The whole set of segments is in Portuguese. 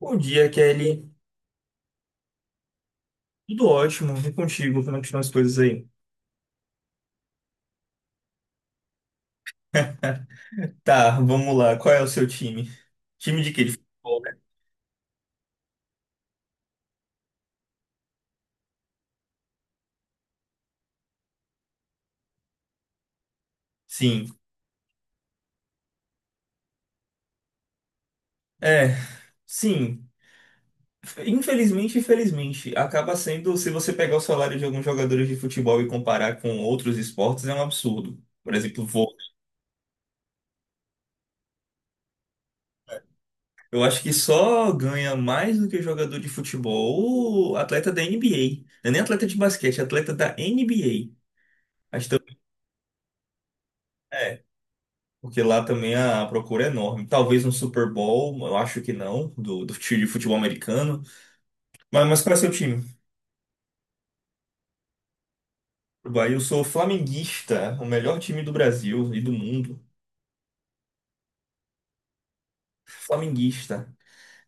Bom dia, Kelly. Tudo ótimo. E contigo? Como é que estão as coisas aí? Tá, vamos lá. Qual é o seu time? Time de quê? De futebol, né? Sim. É, sim. Infelizmente, infelizmente, acaba sendo, se você pegar o salário de alguns jogadores de futebol e comparar com outros esportes, é um absurdo. Por exemplo, vôlei. Eu acho que só ganha mais do que jogador de futebol o atleta da NBA. Não é nem atleta de basquete, é atleta da NBA. Acho que também. Porque lá também a procura é enorme. Talvez um Super Bowl, eu acho que não, do time de futebol americano. Mas qual é seu time? Bahia, eu sou flamenguista, o melhor time do Brasil e do mundo. Flamenguista.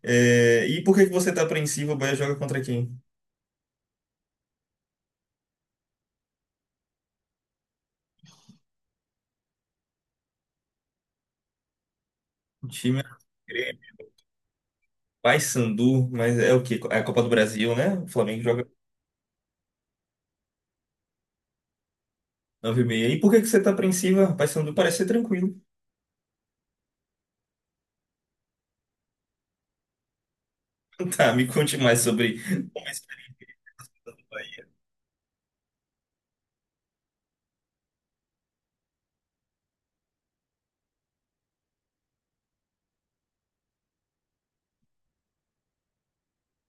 É, e por que que você tá apreensivo? O Bahia joga contra quem? O time é Grêmio, Paysandu, mas é o quê? É a Copa do Brasil, né? O Flamengo joga nove h 30. E por que que você tá apreensiva? Paysandu parece ser tranquilo. Tá, me conte mais sobre como é esse time do Bahia.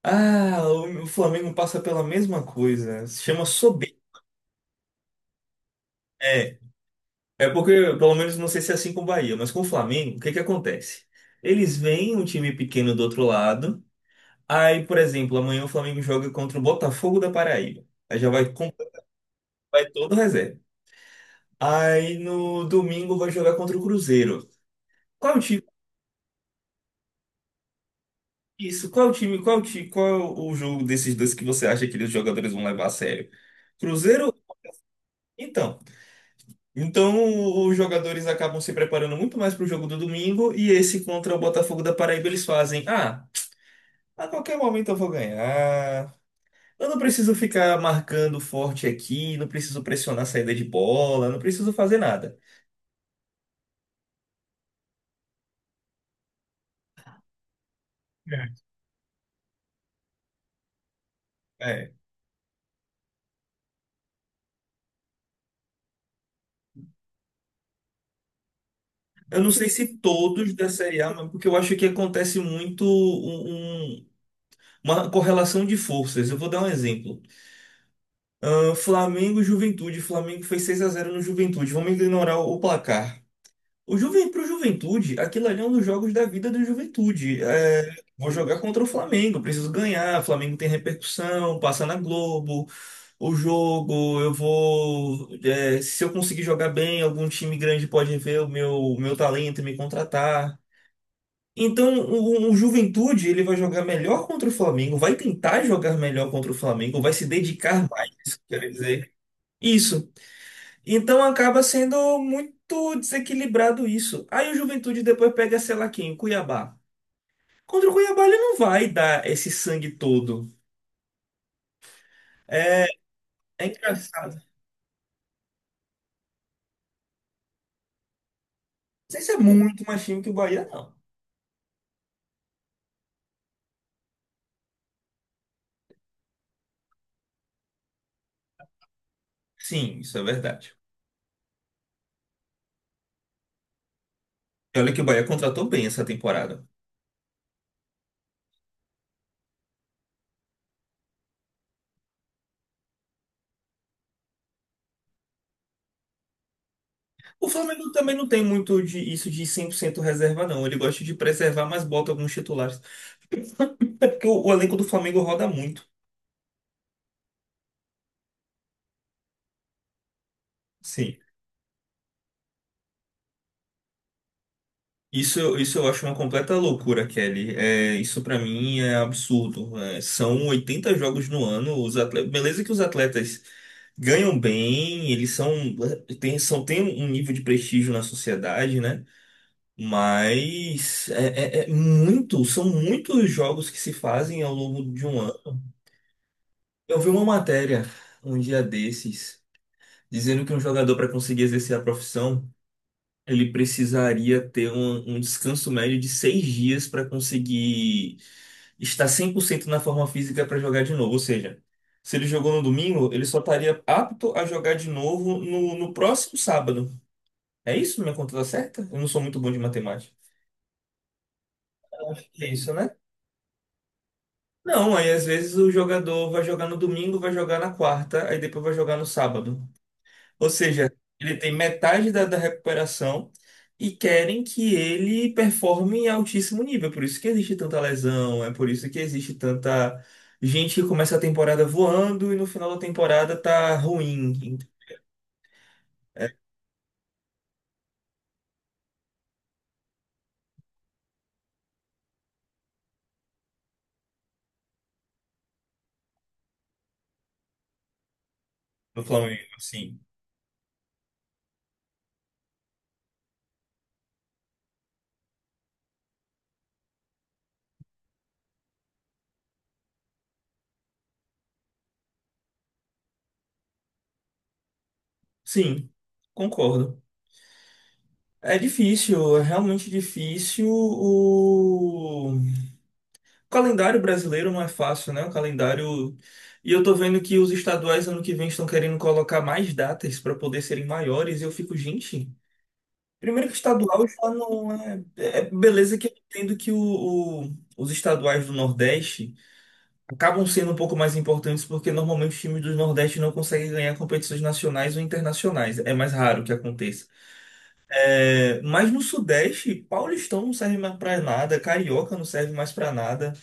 Ah, o Flamengo passa pela mesma coisa. Se chama soberba. É, é porque, pelo menos, não sei se é assim com o Bahia, mas com o Flamengo, o que que acontece? Eles veem um time pequeno do outro lado. Aí, por exemplo, amanhã o Flamengo joga contra o Botafogo da Paraíba. Aí já vai, vai todo reserva. Aí no domingo vai jogar contra o Cruzeiro. Qual é o time? Isso, qual é o time? Qual é o time? Qual é o jogo desses dois que você acha que os jogadores vão levar a sério? Cruzeiro? Então. Então, os jogadores acabam se preparando muito mais para o jogo do domingo e esse contra o Botafogo da Paraíba eles fazem, a qualquer momento eu vou ganhar. Eu não preciso ficar marcando forte aqui, não preciso pressionar a saída de bola, não preciso fazer nada. É. É. Eu não sei se todos da Série A, mas porque eu acho que acontece muito uma correlação de forças. Eu vou dar um exemplo. Ah, Flamengo e Juventude. Flamengo fez 6 a 0 no Juventude. Vamos ignorar o placar. Pro Juventude, aquilo ali é um dos jogos da vida do Juventude. É, vou jogar contra o Flamengo, preciso ganhar. O Flamengo tem repercussão, passa na Globo, o jogo. Eu vou. Se eu conseguir jogar bem, algum time grande pode ver o meu talento e me contratar. Então, o Juventude, ele vai jogar melhor contra o Flamengo, vai tentar jogar melhor contra o Flamengo, vai se dedicar mais, isso que eu quero dizer. Isso. Então acaba sendo muito desequilibrado isso. Aí o Juventude depois pega, sei lá quem, o Cuiabá. Contra o Cuiabá ele não vai dar esse sangue todo. É, é engraçado. Não sei se é muito mais time que o Bahia, não. Sim, isso é verdade. E olha que o Bahia contratou bem essa temporada. O Flamengo também não tem muito de isso de 100% reserva, não. Ele gosta de preservar, mas bota alguns titulares. É porque o elenco do Flamengo roda muito. Sim. Isso, isso eu acho uma completa loucura, Kelly. É, isso pra mim é absurdo. É, são 80 jogos no ano. Os atletas, beleza que os atletas ganham bem, eles são, tem um nível de prestígio na sociedade, né? Mas é muito, são muitos jogos que se fazem ao longo de um ano. Eu vi uma matéria um dia desses dizendo que um jogador para conseguir exercer a profissão ele precisaria ter um descanso médio de 6 dias para conseguir estar 100% na forma física para jogar de novo. Ou seja, se ele jogou no domingo, ele só estaria apto a jogar de novo no próximo sábado. É isso? Minha conta tá certa? Eu não sou muito bom de matemática. É isso, né? Não, aí às vezes o jogador vai jogar no domingo, vai jogar na quarta, aí depois vai jogar no sábado. Ou seja, ele tem metade da recuperação e querem que ele performe em altíssimo nível. É. Por isso que existe tanta lesão, é por isso que existe tanta gente que começa a temporada voando e no final da temporada tá ruim. É, no Flamengo, assim. Sim, concordo. É difícil, é realmente difícil. O calendário brasileiro não é fácil, né? O calendário. E eu tô vendo que os estaduais ano que vem estão querendo colocar mais datas para poder serem maiores. E eu fico, gente. Primeiro que estadual já não é. É beleza que eu entendo que os estaduais do Nordeste acabam sendo um pouco mais importantes porque normalmente os times do Nordeste não conseguem ganhar competições nacionais ou internacionais. É mais raro que aconteça. É, mas no Sudeste, Paulistão não serve mais pra nada, Carioca não serve mais pra nada.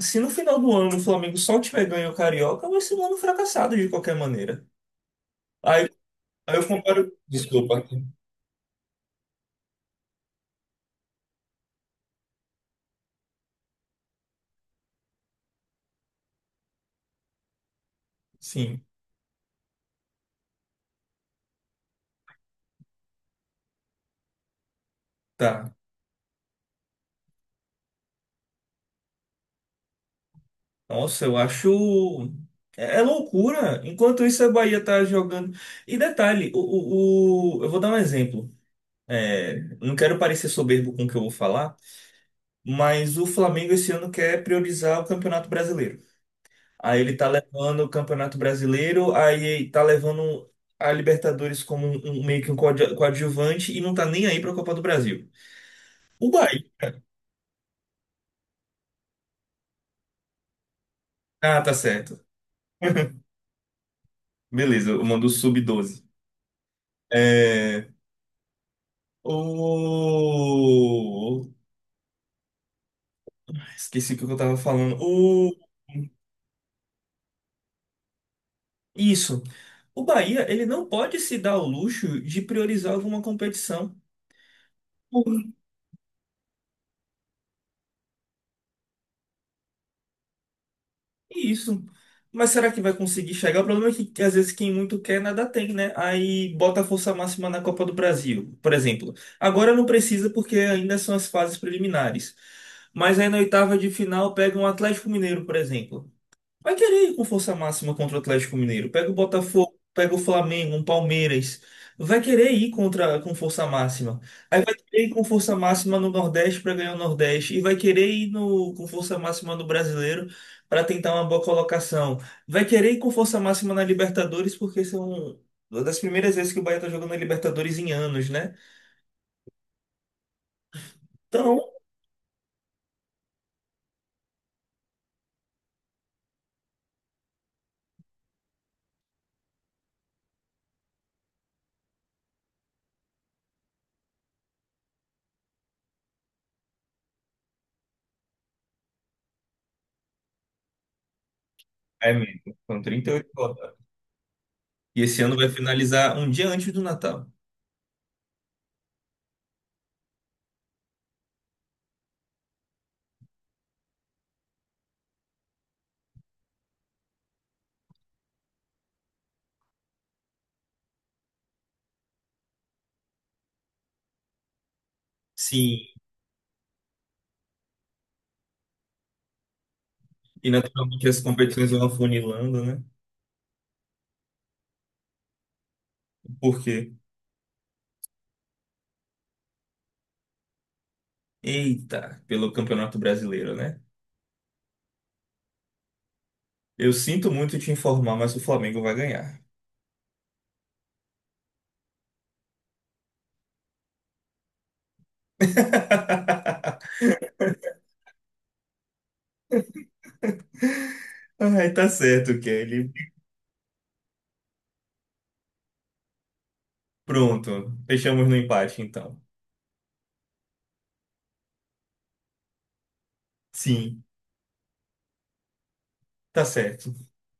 Se no final do ano o Flamengo só tiver ganho o Carioca, vai ser um ano fracassado de qualquer maneira. Aí, aí, eu comparo. Desculpa. Sim, tá. Nossa, eu acho. É loucura. Enquanto isso, a Bahia tá jogando. E detalhe, eu vou dar um exemplo. É, não quero parecer soberbo com o que eu vou falar, mas o Flamengo esse ano quer priorizar o Campeonato Brasileiro. Aí ele tá levando o Campeonato Brasileiro, aí tá levando a Libertadores como meio que um coadjuvante e não tá nem aí pra Copa do Brasil. O Bahia. Ah, tá certo. Beleza, eu mando o sub-12. É. O. Esqueci o que eu tava falando. O. Isso. O Bahia, ele não pode se dar o luxo de priorizar alguma competição. Isso. Mas será que vai conseguir chegar? O problema é que às vezes quem muito quer nada tem, né? Aí bota a força máxima na Copa do Brasil, por exemplo. Agora não precisa porque ainda são as fases preliminares. Mas aí na oitava de final pega um Atlético Mineiro, por exemplo. Vai querer ir com força máxima contra o Atlético Mineiro. Pega o Botafogo, pega o Flamengo, um Palmeiras. Vai querer ir contra, com força máxima. Aí vai querer ir com força máxima no Nordeste para ganhar o Nordeste. E vai querer ir com força máxima no Brasileiro para tentar uma boa colocação. Vai querer ir com força máxima na Libertadores, porque são uma das primeiras vezes que o Bahia está jogando na Libertadores em anos, né? Então, é mesmo. São 38 rodadas. E esse ano vai finalizar um dia antes do Natal. Sim. E naturalmente as competições vão afunilando, né? Por quê? Eita, pelo Campeonato Brasileiro, né? Eu sinto muito te informar, mas o Flamengo vai ganhar. Ai, tá certo, Kelly. Pronto, fechamos no empate, então. Sim, tá certo.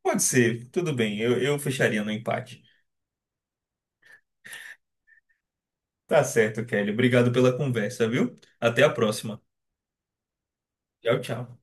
Pode ser, tudo bem, eu fecharia no empate. Tá certo, Kelly. Obrigado pela conversa, viu? Até a próxima. Tchau, tchau.